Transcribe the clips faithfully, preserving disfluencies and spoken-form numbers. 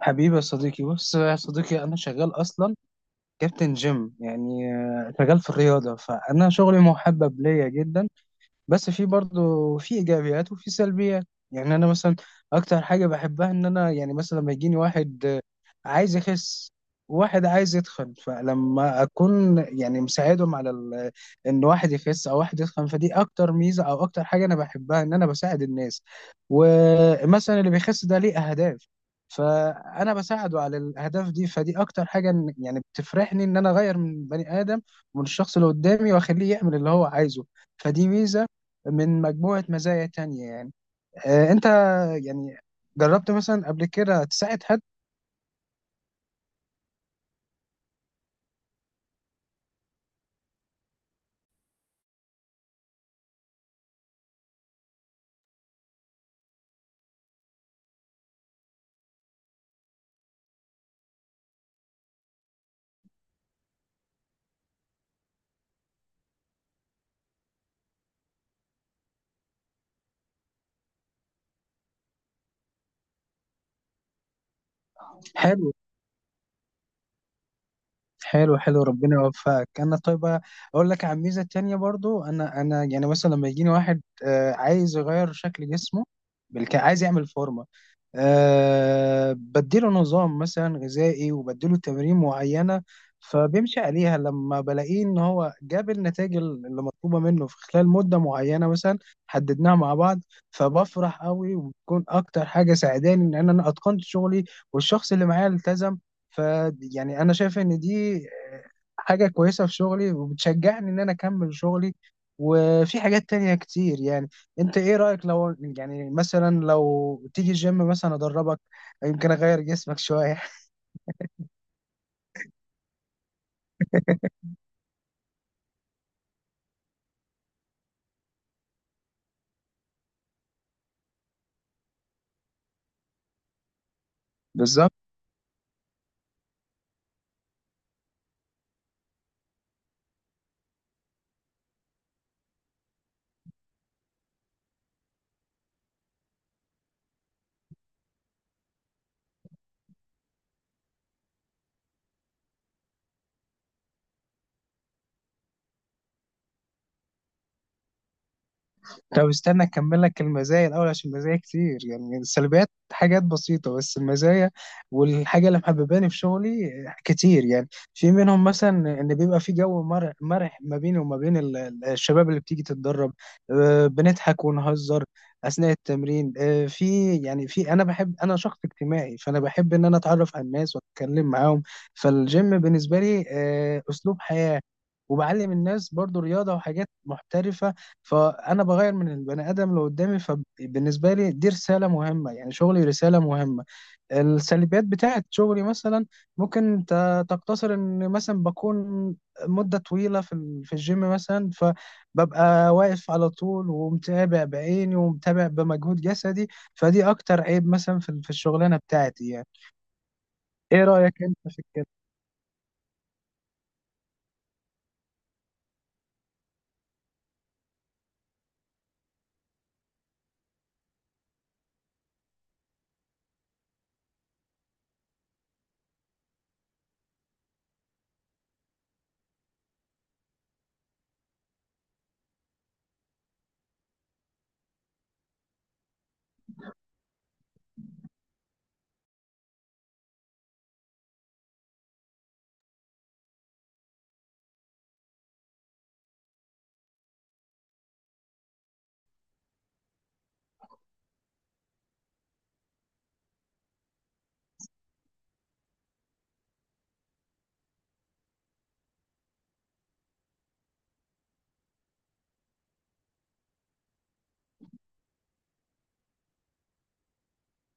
حبيبي يا صديقي، بص يا صديقي، انا شغال اصلا كابتن جيم. يعني آه، شغال في الرياضه، فانا شغلي محبب ليا جدا. بس في برضه في ايجابيات وفي سلبيات. يعني انا مثلا اكتر حاجه بحبها ان انا يعني مثلا لما يجيني واحد آه، عايز يخس وواحد عايز يتخن، فلما اكون يعني مساعدهم على ال- ان واحد يخس او واحد يتخن، فدي اكتر ميزه او اكتر حاجه انا بحبها، ان انا بساعد الناس. ومثلا اللي بيخس ده ليه اهداف، فانا بساعده على الاهداف دي. فدي اكتر حاجه إن- يعني بتفرحني، ان انا اغير من بني ادم ومن الشخص اللي قدامي واخليه يعمل اللي هو عايزه. فدي ميزه من مجموعة مزايا تانية يعني. آه، انت يعني جربت مثلا قبل كده تساعد حد؟ حلو، حلو حلو، ربنا يوفقك. انا طيب اقول لك عن ميزة تانية برضو. انا انا يعني مثلا لما يجيني واحد آه، عايز يغير شكل جسمه، بالك عايز يعمل فورمة، أه بديله نظام مثلا غذائي وبديله تمارين معينة، فبيمشي عليها. لما بلاقيه ان هو جاب النتائج اللي مطلوبة منه في خلال مدة معينة مثلا حددناها مع بعض، فبفرح قوي، وبتكون اكتر حاجة ساعداني ان انا اتقنت شغلي والشخص اللي معايا التزم. ف يعني انا شايف ان دي آه، حاجة كويسة في شغلي وبتشجعني ان انا اكمل شغلي. وفي حاجات تانية كتير يعني. انت ايه رأيك لو يعني مثلا لو تيجي الجيم مثلا ادربك، يمكن اغير جسمك شوية؟ بالظبط. طب استنى اكمل لك المزايا الاول، عشان المزايا كتير يعني. السلبيات حاجات بسيطه، بس المزايا والحاجه اللي محبباني في شغلي كتير يعني. في منهم مثلا ان بيبقى في جو مر- مرح ما بيني وما بين ال- ال- الشباب اللي بتيجي تتدرب. آه، بنضحك ونهزر اثناء التمرين. آه، في يعني في انا بحب، انا شخص اجتماعي، فانا بحب ان انا اتعرف على الناس واتكلم معاهم. فالجيم بالنسبه لي آه، اسلوب حياه، وبعلم الناس برضو رياضة وحاجات محترفة. فانا بغير من البني ادم اللي قدامي، فبالنسبه لي دي رساله مهمه، يعني شغلي رساله مهمه. السلبيات بتاعت شغلي مثلا ممكن ت- تقتصر ان مثلا بكون مده طويله في ال- في الجيم مثلا، فببقى واقف على طول ومتابع بعيني ومتابع بمجهود جسدي. فدي اكتر عيب مثلا في ال- في الشغلانه بتاعتي يعني. ايه رايك انت في الكلام؟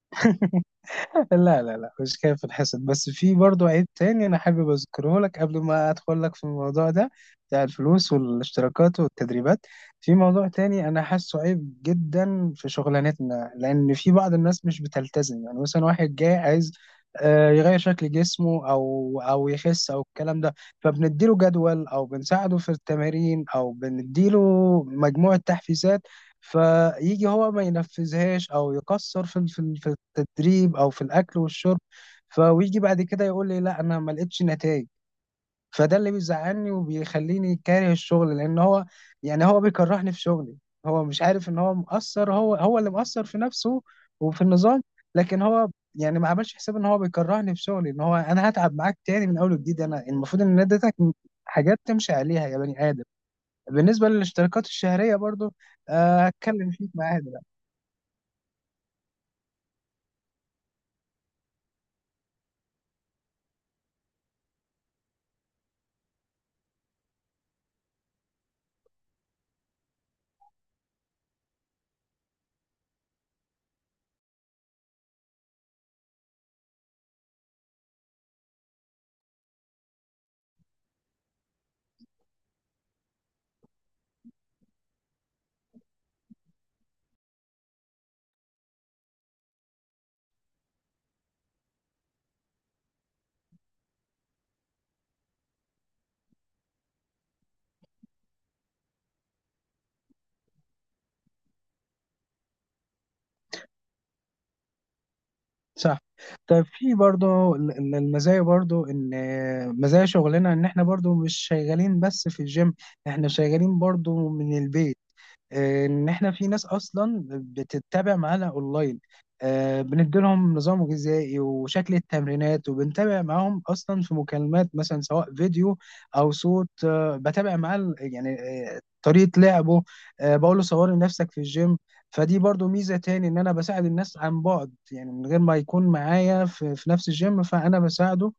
لا لا لا، مش خايف الحسد. بس في برضو عيب تاني انا حابب اذكره لك قبل ما ادخل لك في الموضوع ده بتاع الفلوس والاشتراكات والتدريبات. في موضوع تاني انا حاسه عيب جدا في شغلانتنا، لان في بعض الناس مش بتلتزم. يعني مثلا واحد جاي عايز آه، يغير شكل جسمه او او يخس او الكلام ده، فبنديله جدول او بنساعده في التمارين او بنديله مجموعة تحفيزات، فيجي هو ما ينفذهاش او يقصر في في في التدريب او في الاكل والشرب، فويجي بعد كده يقول لي: لا انا ما لقيتش نتائج. فده اللي بيزعلني وبيخليني كاره الشغل، لان هو يعني هو بيكرهني في شغلي. هو مش عارف ان هو مقصر، هو هو اللي مقصر في نفسه وفي النظام. لكن هو يعني ما عملش حساب ان هو بيكرهني في شغلي، ان هو انا هتعب معاك تاني من اول وجديد. انا المفروض ان أنا اديتك حاجات تمشي عليها يا بني ادم. بالنسبة للاشتراكات الشهرية برضو آه، هتكلم فيك معاها دلوقتي. صح. طيب في برضو ال- ال- المزايا برضو، ان آه، مزايا شغلنا ان احنا برضو مش شغالين بس في الجيم، احنا شغالين برضو من البيت. ان احنا في ناس اصلا بتتابع معانا اونلاين، آه، بنديلهم نظام غذائي وشكل التمرينات وبنتابع معاهم اصلا في مكالمات مثلا، سواء فيديو او صوت. آه، بتابع معاه ال- يعني آه، طريقة لعبه. آه، بقول له: صوري نفسك في الجيم. فدي برضو ميزة تاني، ان انا بساعد الناس عن بعد يعني، من غير ما يكون معايا في, في نفس الجيم، فانا بساعده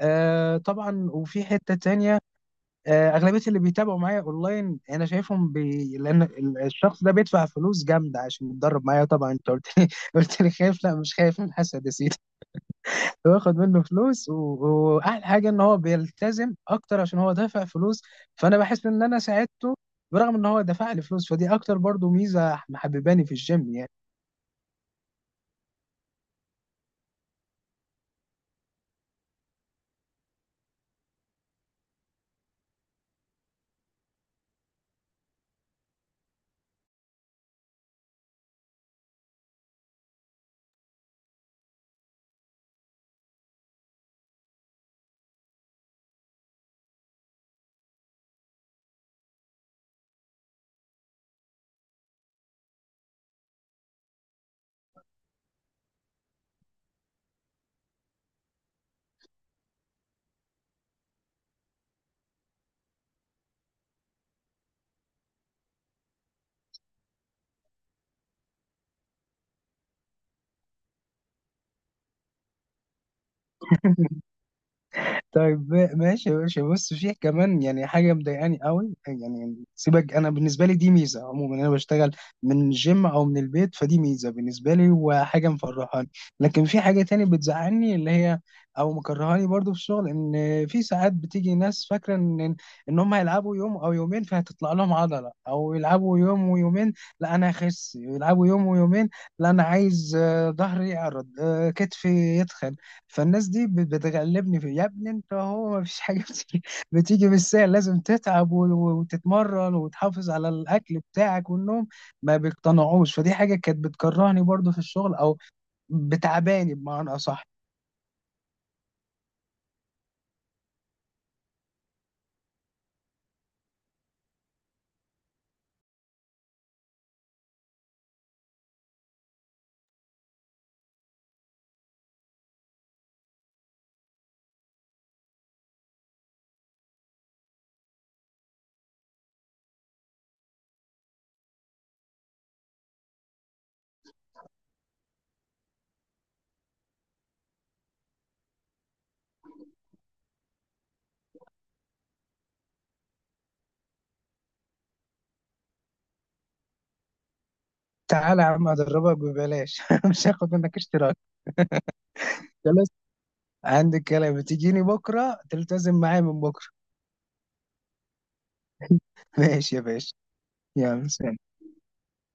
آه، طبعا. وفي حتة تانية آه، اغلبيه اللي بيتابعوا معايا اونلاين انا شايفهم بي... لان ال- الشخص ده بيدفع فلوس جامده عشان يتدرب معايا. طبعا انت قلت لي قلت لي خايف، لا مش خايف من حسد يا سيدي. باخد منه فلوس و... واحلى حاجه ان هو بيلتزم اكتر عشان هو دافع فلوس، فانا بحس ان انا ساعدته برغم ان هو دفع لي فلوس. فدي اكتر برضو ميزه محبباني في الجيم يعني. طيب ما- ماشي يا باشا. بص فيه كمان يعني حاجه مضايقاني قوي. يعني سيبك، انا بالنسبه لي دي ميزه عموما، انا بشتغل من الجيم او من البيت، فدي ميزه بالنسبه لي وحاجه مفرحاني. لكن في حاجه تاني بتزعلني، اللي هي او مكرهاني برضو في الشغل، ان في ساعات بتيجي ناس فاكره ان ان هم هيلعبوا يوم او يومين فهتطلع لهم عضله، او يلعبوا يوم ويومين لا انا هخس، يلعبوا يوم ويومين لا انا عايز آه، ظهري يعرض، آه، كتفي يتخن. فالناس دي بت- بتغلبني في. يا ابني انت، هو ما فيش حاجه بتيجي بتيجي بالسهل، لازم تتعب و- وتتمرن وتحافظ على الاكل بتاعك والنوم. ما بيقتنعوش. فدي حاجه كانت بتكرهني برضو في الشغل، او بتعباني بمعنى اصح. تعالى يا عم ادربك ببلاش مش هاخد منك اشتراك. خلاص، عندك كلام، تجيني بكره تلتزم معايا من بكره. ماشي يا باشا. يلا سلام.